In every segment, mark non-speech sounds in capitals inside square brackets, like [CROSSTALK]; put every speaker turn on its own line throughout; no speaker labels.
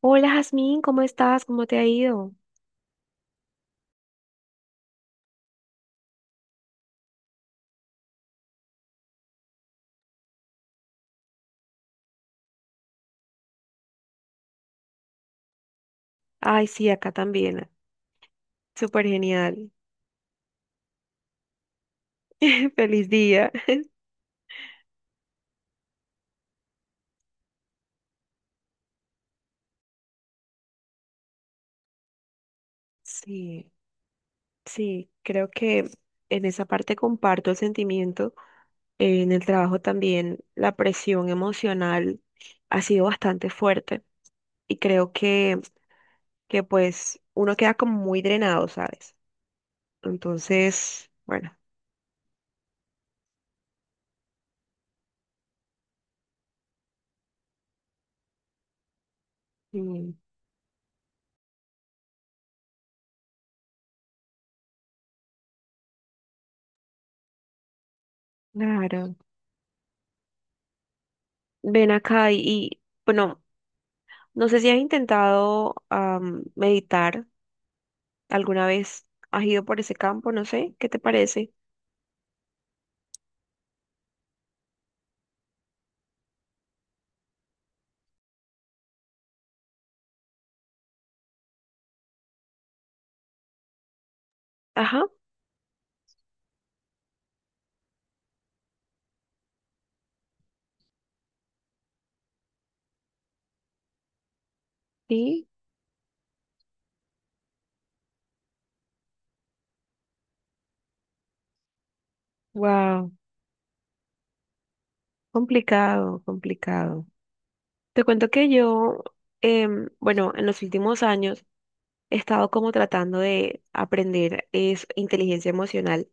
Hola Jazmín, ¿cómo estás? ¿Cómo te ha ido? Ay, sí, acá también. Súper genial. [LAUGHS] Feliz día. Sí, sí, creo que en esa parte comparto el sentimiento. En el trabajo también la presión emocional ha sido bastante fuerte y creo que pues uno queda como muy drenado, ¿sabes? Entonces, bueno. Mm, claro. Ven acá bueno, no sé si has intentado meditar. ¿Alguna vez has ido por ese campo? No sé, ¿qué te parece? Ajá, sí, wow, complicado, complicado. Te cuento que yo, bueno, en los últimos años he estado como tratando de aprender es inteligencia emocional.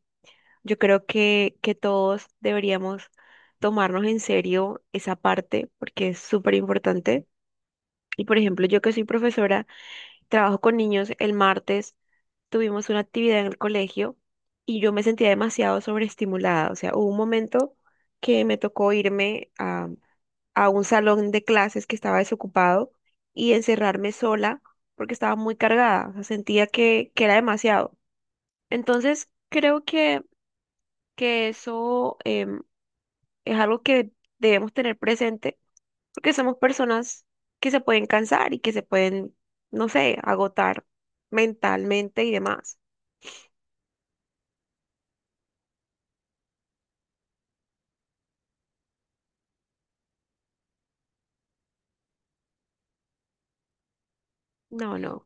Yo creo que todos deberíamos tomarnos en serio esa parte porque es súper importante. Y por ejemplo, yo que soy profesora, trabajo con niños, el martes tuvimos una actividad en el colegio y yo me sentía demasiado sobreestimulada. O sea, hubo un momento que me tocó irme a un salón de clases que estaba desocupado y encerrarme sola porque estaba muy cargada. O sea, sentía que era demasiado. Entonces, creo que eso es algo que debemos tener presente porque somos personas que se pueden cansar y que se pueden, no sé, agotar mentalmente y demás. No, no.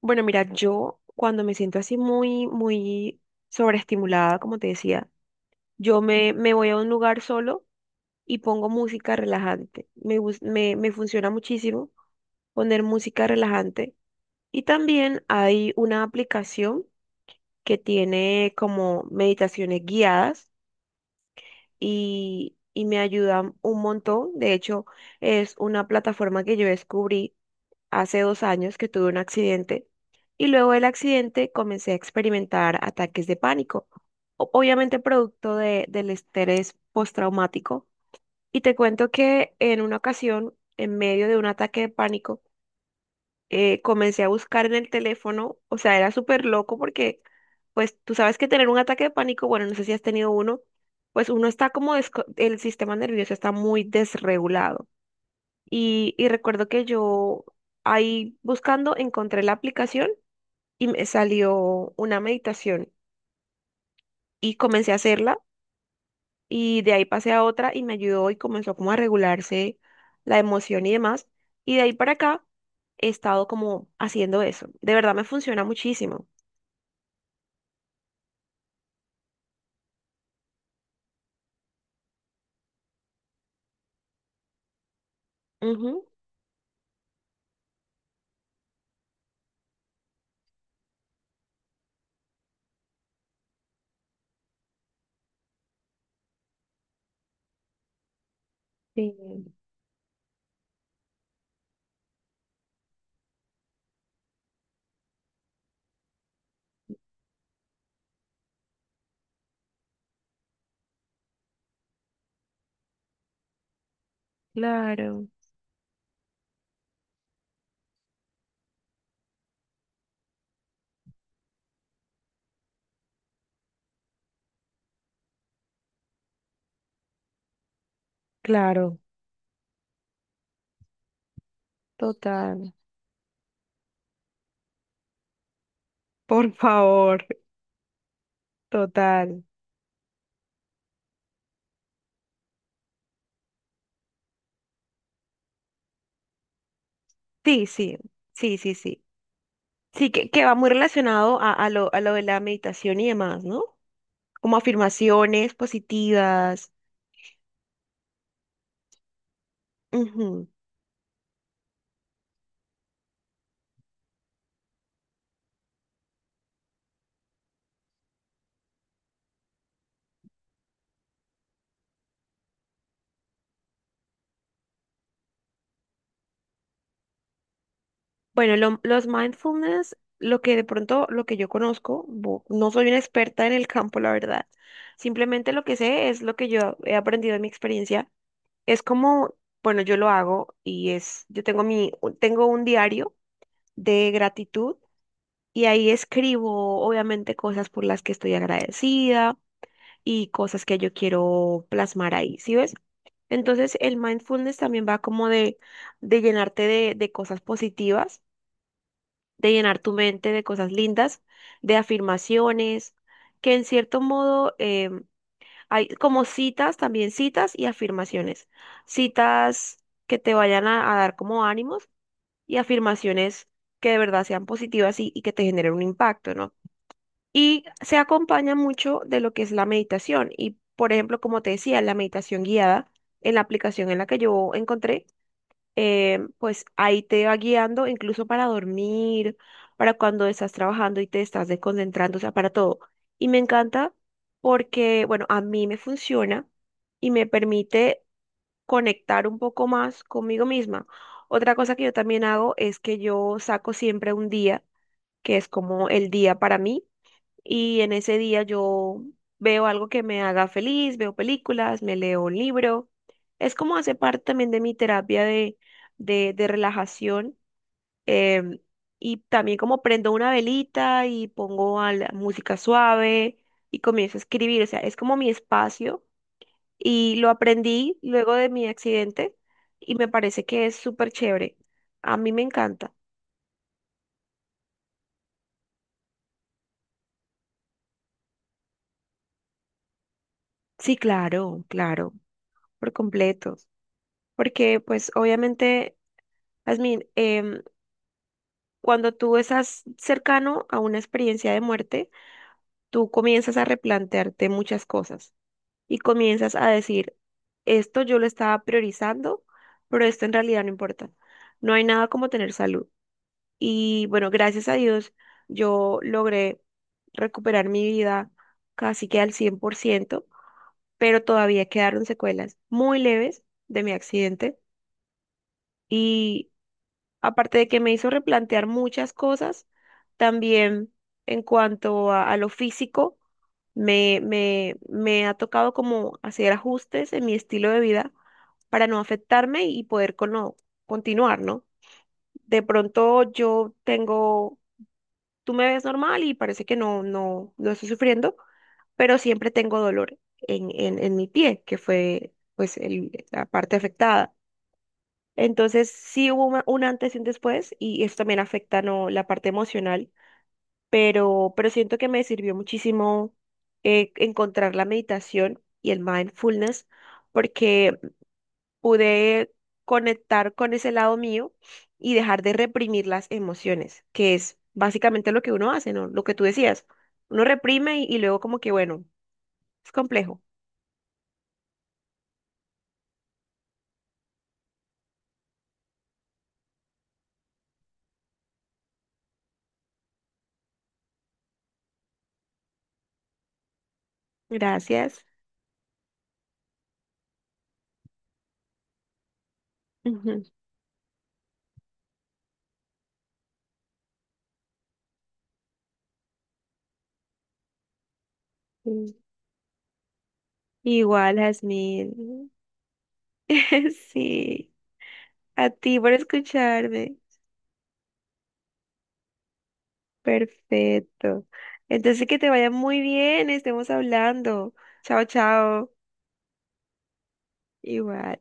Bueno, mira, yo cuando me siento así muy, muy sobreestimulada, como te decía, yo me voy a un lugar solo y pongo música relajante. Me funciona muchísimo poner música relajante. Y también hay una aplicación que tiene como meditaciones guiadas y me ayudan un montón. De hecho, es una plataforma que yo descubrí hace 2 años que tuve un accidente y luego del accidente comencé a experimentar ataques de pánico, obviamente producto del estrés postraumático. Y te cuento que en una ocasión, en medio de un ataque de pánico, comencé a buscar en el teléfono, o sea, era súper loco porque, pues, tú sabes que tener un ataque de pánico, bueno, no sé si has tenido uno, pues uno está como, el sistema nervioso está muy desregulado. Y recuerdo que yo ahí buscando encontré la aplicación y me salió una meditación y comencé a hacerla y de ahí pasé a otra y me ayudó y comenzó como a regularse la emoción y demás. Y de ahí para acá he estado como haciendo eso. De verdad me funciona muchísimo. Ujú. Sí, claro, claro, total. Por favor, total. Sí, sí, sí, sí, sí. Sí, que va muy relacionado a lo de la meditación y demás, ¿no? Como afirmaciones positivas. Ujú. Bueno, los mindfulness, lo que de pronto, lo que yo conozco, no soy una experta en el campo, la verdad. Simplemente lo que sé es lo que yo he aprendido de mi experiencia. Es como, bueno, yo lo hago y es, yo tengo mi, tengo un diario de gratitud y ahí escribo obviamente cosas por las que estoy agradecida y cosas que yo quiero plasmar ahí, ¿sí ves? Entonces el mindfulness también va como de llenarte de cosas positivas, de llenar tu mente de cosas lindas, de afirmaciones, que en cierto modo hay como citas, también citas y afirmaciones. Citas que te vayan a dar como ánimos y afirmaciones que de verdad sean positivas y que te generen un impacto, ¿no? Y se acompaña mucho de lo que es la meditación. Y, por ejemplo, como te decía, la meditación guiada en la aplicación en la que yo encontré pues ahí te va guiando, incluso para dormir, para cuando estás trabajando y te estás desconcentrando, o sea, para todo. Y me encanta porque, bueno, a mí me funciona y me permite conectar un poco más conmigo misma. Otra cosa que yo también hago es que yo saco siempre un día, que es como el día para mí y en ese día yo veo algo que me haga feliz, veo películas, me leo un libro. Es como hace parte también de mi terapia de relajación. em, y también como prendo una velita y pongo a la música suave y comienzo a escribir. O sea, es como mi espacio y lo aprendí luego de mi accidente y me parece que es súper chévere. A mí me encanta. Sí, claro, claro, por completo. Porque pues obviamente Jazmín, cuando tú estás cercano a una experiencia de muerte, tú comienzas a replantearte muchas cosas y comienzas a decir, esto yo lo estaba priorizando, pero esto en realidad no importa. No hay nada como tener salud. Y bueno, gracias a Dios, yo logré recuperar mi vida casi que al 100%, pero todavía quedaron secuelas muy leves de mi accidente y aparte de que me hizo replantear muchas cosas, también en cuanto a lo físico, me ha tocado como hacer ajustes en mi estilo de vida para no afectarme y poder con continuar, ¿no? De pronto yo tengo, tú me ves normal y parece que no estoy sufriendo, pero siempre tengo dolor en, en mi pie, que fue pues la parte afectada. Entonces, sí hubo un antes y un después, y eso también afecta, ¿no?, la parte emocional, pero siento que me sirvió muchísimo encontrar la meditación y el mindfulness, porque pude conectar con ese lado mío y dejar de reprimir las emociones, que es básicamente lo que uno hace, ¿no? Lo que tú decías, uno reprime y luego como que, bueno, es complejo. Gracias. Ujú. Sí. Igual, Jasmine. [LAUGHS] Sí. A ti por escucharme. Perfecto. Entonces que te vaya muy bien, estemos hablando. Chao, chao. Igual.